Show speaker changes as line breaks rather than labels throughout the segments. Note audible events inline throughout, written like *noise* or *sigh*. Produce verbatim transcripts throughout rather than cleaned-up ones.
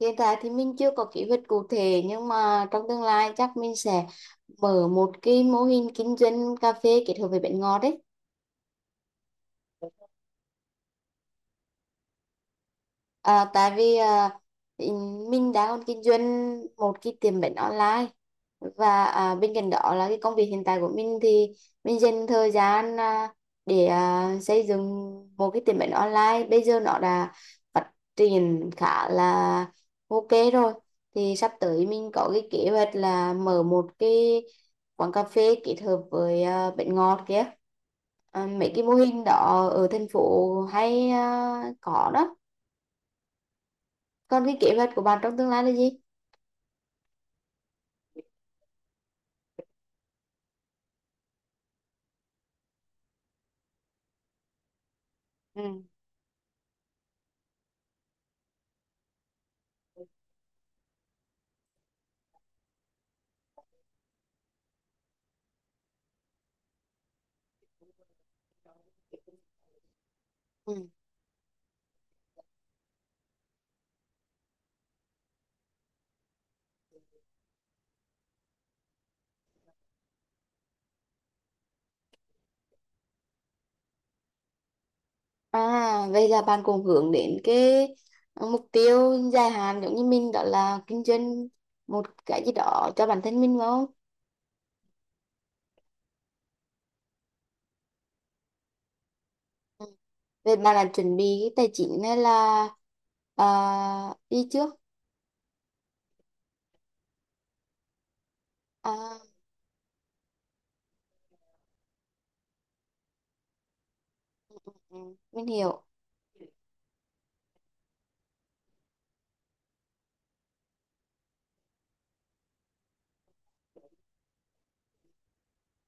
Hiện tại thì mình chưa có kế hoạch cụ thể nhưng mà trong tương lai chắc mình sẽ mở một cái mô hình kinh doanh cà phê kết hợp với bánh ngọt đấy. À, tại vì à, ý- mình đã còn kinh doanh một cái tiệm bánh online và à, bên cạnh đó là cái công việc hiện tại của mình thì mình dành thời gian à, để à, xây dựng một cái tiệm bánh online, bây giờ nó đã phát triển khá là ok rồi, thì sắp tới mình có cái kế hoạch là mở một cái quán cà phê kết hợp với à, bánh ngọt kia. À, mấy cái mô hình đó ở thành phố hay à, có đó. Còn cái kế hoạch của bạn trong tương lai là gì? Ừ. Ừ. À, vậy là bạn cũng hướng đến cái mục tiêu dài hạn giống như mình, đó là kinh doanh một cái gì đó cho bản thân mình phải không? Ừ. Vậy bạn là chuẩn bị cái tài chính hay là à, đi trước? À, ừ, mình hiểu.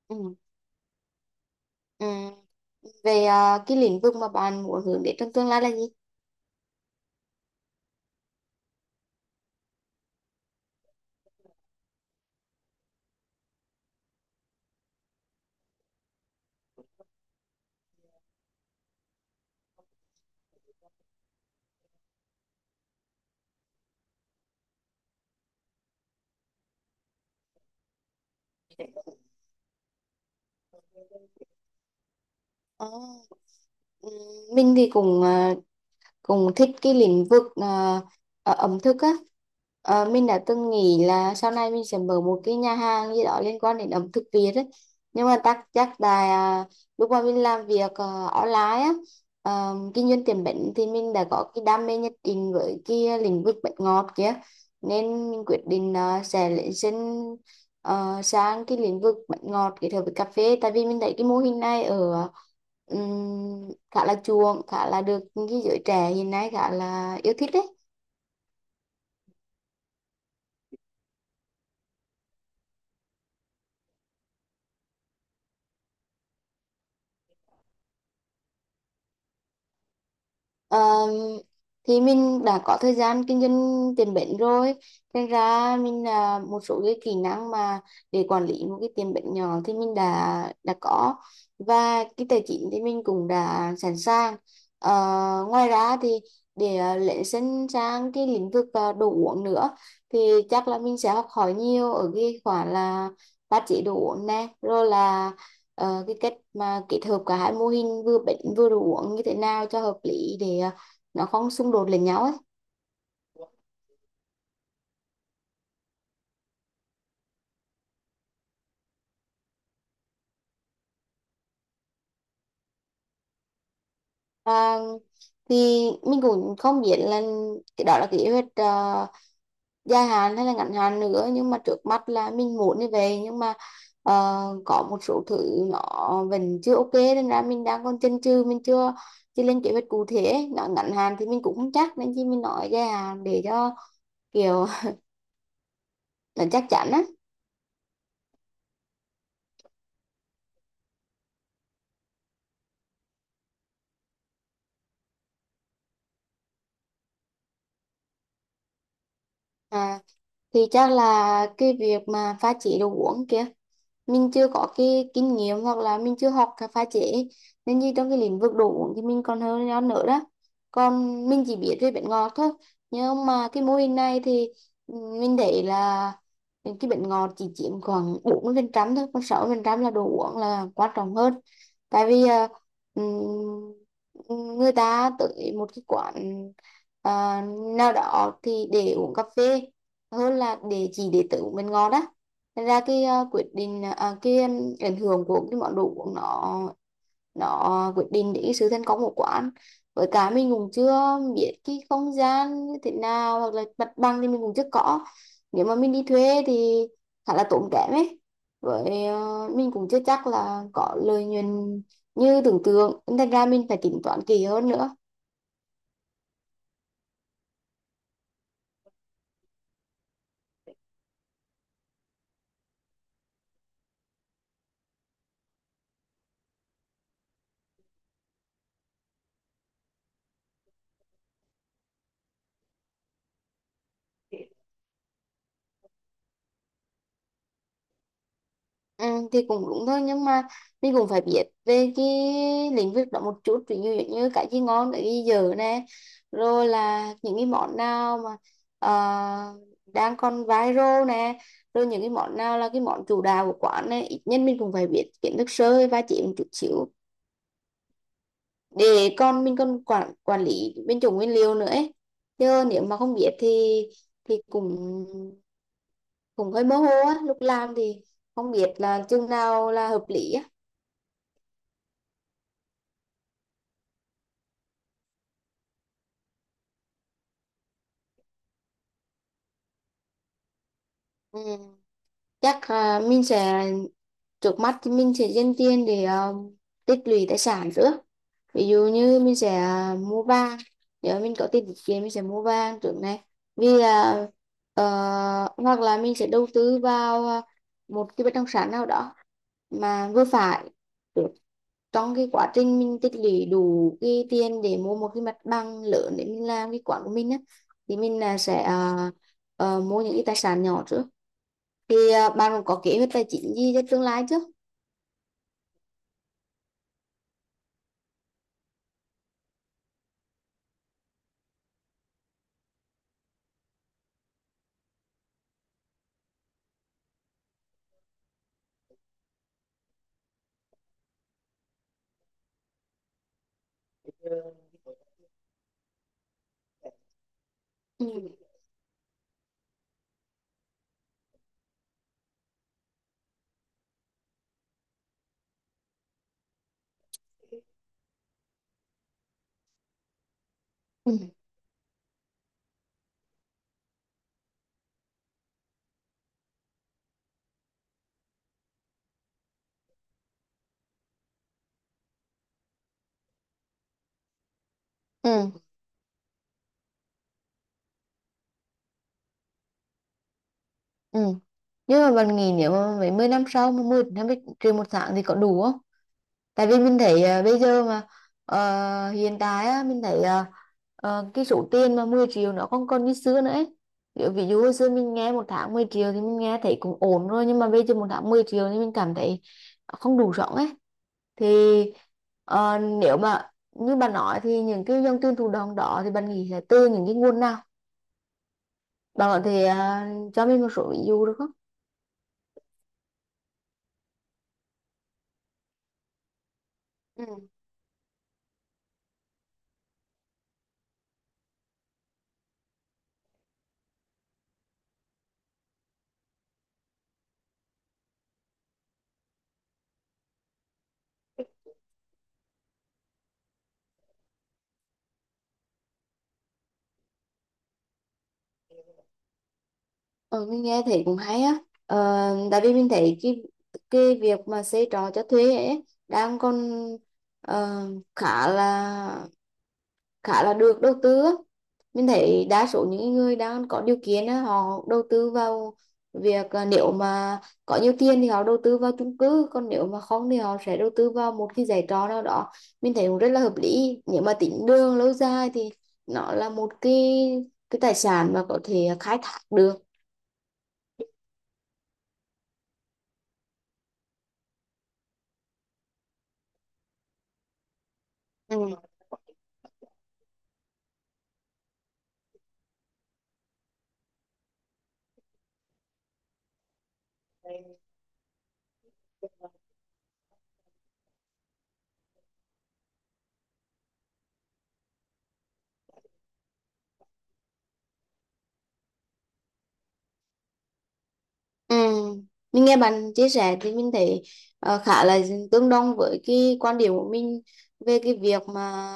Ừ. Ừ. Về à, cái lĩnh vực mà bạn muốn hướng đến trong tương lai là gì? À, ừ, mình thì cũng à, cùng thích cái lĩnh vực à, à, ẩm thực á. Ờ, mình đã từng nghĩ là sau này mình sẽ mở một cái nhà hàng gì đó liên quan đến ẩm thực Việt ấy. Nhưng mà chắc chắc là à, lúc mà mình làm việc ờ, online á, ờ, kinh doanh tiệm bánh thì mình đã có cái đam mê nhất định với cái lĩnh vực bánh ngọt kia, nên mình quyết định ờ, sẽ lấy xin ờ, sang cái lĩnh vực bánh ngọt kết hợp với cà phê, tại vì mình thấy cái mô hình này ở ừm, khá là chuộng, khá là được cái giới trẻ hiện nay khá là yêu thích đấy. Ờ, thì mình đã có thời gian kinh doanh tiền bẩn rồi nên ra mình là một số cái kỹ năng mà để quản lý một cái tiền bẩn nhỏ thì mình đã đã có, và cái tài chính thì mình cũng đã sẵn sàng. Ờ, ngoài ra thì để ờ, lấy sân sang cái lĩnh vực ờ, đồ uống nữa thì chắc là mình sẽ học hỏi nhiều ở cái khoản là pha chế đồ uống nè, rồi là ờ, cái cách mà kết hợp cả hai mô hình vừa bệnh vừa đồ uống như thế nào cho hợp lý để ờ, nó không xung đột lẫn nhau ấy. Và thì mình cũng không biết là cái đó là kế hoạch ờ, dài hạn hay là ngắn hạn nữa, nhưng mà trước mắt là mình muốn như vậy, nhưng mà ờ, có một số thứ nó vẫn chưa ok nên ra mình đang còn chần chừ, mình chưa chưa lên kế hoạch cụ thể ấy. Nó ngắn hạn thì mình cũng không chắc nên chỉ mình nói dài hạn để cho kiểu *laughs* nó chắc chắn á. À, thì chắc là cái việc mà pha chế đồ uống kia mình chưa có cái kinh nghiệm, hoặc là mình chưa học cái pha chế, nên như trong cái lĩnh vực đồ uống thì mình còn hơn nhau nữa đó, còn mình chỉ biết về bánh ngọt thôi. Nhưng mà cái mô hình này thì ừ, mình thấy là cái bánh ngọt chỉ chiếm khoảng bốn mươi phần trăm thôi, còn sáu mươi phần trăm là đồ uống là quan trọng hơn, tại vì à, ừm, người ta tới một cái quán à, nào đó thì để uống cà phê hơn là để chỉ để tự uống bánh ngọt đó. Thật ra cái ờ, quyết định ờ, à, cái ừm, ảnh hưởng của cái món đồ uống nó nó quyết định đến cái sự thành công của quán, với cả mình cũng chưa biết cái không gian như thế nào, hoặc là mặt bằng thì mình cũng chưa có, nếu mà mình đi thuê thì khá là tốn kém ấy, với ờ, mình cũng chưa chắc là có lợi nhuận như tưởng tượng nên thành ra mình phải tính toán kỹ hơn nữa. Ừ, thì cũng đúng thôi, nhưng mà mình cũng phải biết về cái lĩnh vực đó một chút, ví dụ như cái gì ngon, cái gì dở nè, rồi là những cái món nào mà ờ, đang còn viral nè, rồi những cái món nào là cái món chủ đạo của quán nè, ít nhất mình cũng phải biết kiến thức sơ và chỉ một chút xíu để con mình còn quản quản lý bên chủ nguyên liệu nữa ấy. Chứ nếu mà không biết thì thì cũng cũng hơi mơ hồ á, lúc làm thì không biết là chừng nào là hợp lý á. Ừ. Chắc à, mình sẽ, trước mắt thì mình sẽ dành tiền để à, tích lũy tài sản trước, ví dụ như mình sẽ à, mua vàng, nếu mình có tiền tiết kiệm mình sẽ mua vàng trước này, vì à, ờ, hoặc là mình sẽ đầu tư vào à, một cái bất động sản nào đó mà vừa phải được, trong cái quá trình mình tích lũy đủ cái tiền để mua một cái mặt bằng lớn để mình làm cái quán của mình á, thì mình là sẽ à, ờ, mua những cái tài sản nhỏ trước. Thì à, bạn cũng có kế hoạch tài chính gì cho tương lai chứ? Ừ. Ừ. Ừ. Ừ. Nhưng mà bạn nghĩ nếu mà mấy mươi năm sau mà mười năm mươi triệu một tháng thì có đủ không, tại vì mình thấy ờ, bây giờ mà ờ, hiện tại á, mình thấy ờ, ờ, cái số tiền mà mười triệu nó không còn như xưa nữa ấy. Kiểu ví dụ hồi xưa mình nghe một tháng mười triệu thì mình nghe thấy cũng ổn rồi, nhưng mà bây giờ một tháng mười triệu thì mình cảm thấy không đủ sống ấy. Thì ờ, nếu mà như bạn nói thì những cái dòng tiền thụ động đó thì bạn nghĩ là từ những cái nguồn nào? Bạn có thể à, cho mình một số ví dụ được không? Ừ. Ừ, mình nghe thấy cũng hay á. Ờ, tại vì mình thấy cái cái việc mà xây trọ cho thuê ấy đang còn ờ, khá là khá là được đầu tư á. Mình thấy đa số những người đang có điều kiện á, họ đầu tư vào việc à, nếu mà có nhiều tiền thì họ đầu tư vào chung cư, còn nếu mà không thì họ sẽ đầu tư vào một cái giải trọ nào đó. Mình thấy cũng rất là hợp lý, nếu mà tính đường lâu dài thì nó là một cái cái tài sản mà có thể khai thác được. Ừ. Ừ. Mình nghe bạn chia sẻ thì mình thấy ờ, khá là tương đồng với cái quan điểm của mình về cái việc mà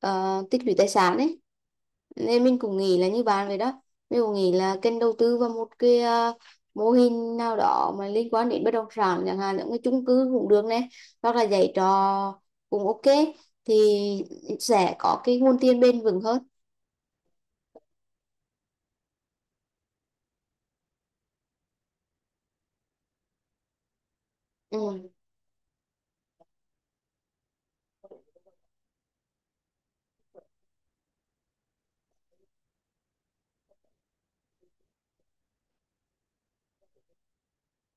ờ, tích lũy tài sản ấy. Nên mình cũng nghĩ là như bạn vậy đó. Mình cũng nghĩ là kênh đầu tư vào một cái ờ, mô hình nào đó mà liên quan đến bất động sản, chẳng hạn những cái chung cư cũng được này, hoặc là dạy trò cũng ok, thì sẽ có cái nguồn tiền bền vững hơn. Ừ.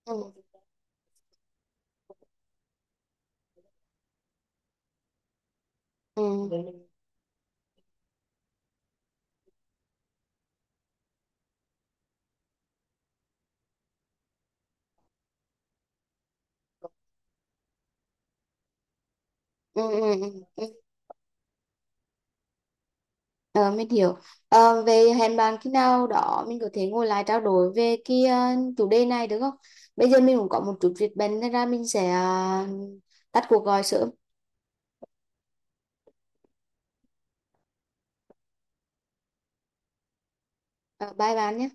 Ừ. Ừ. Ừ. Ừ. Ừ. Ừ. Ờ, mình hiểu. Ờ, về hẹn bạn khi nào đó mình có thể ngồi lại trao đổi về cái ờ, chủ đề này được không? Bây giờ mình cũng có một chút việc bận nên ra mình sẽ ờ, tắt cuộc gọi sớm. Ờ, bye bạn nhé.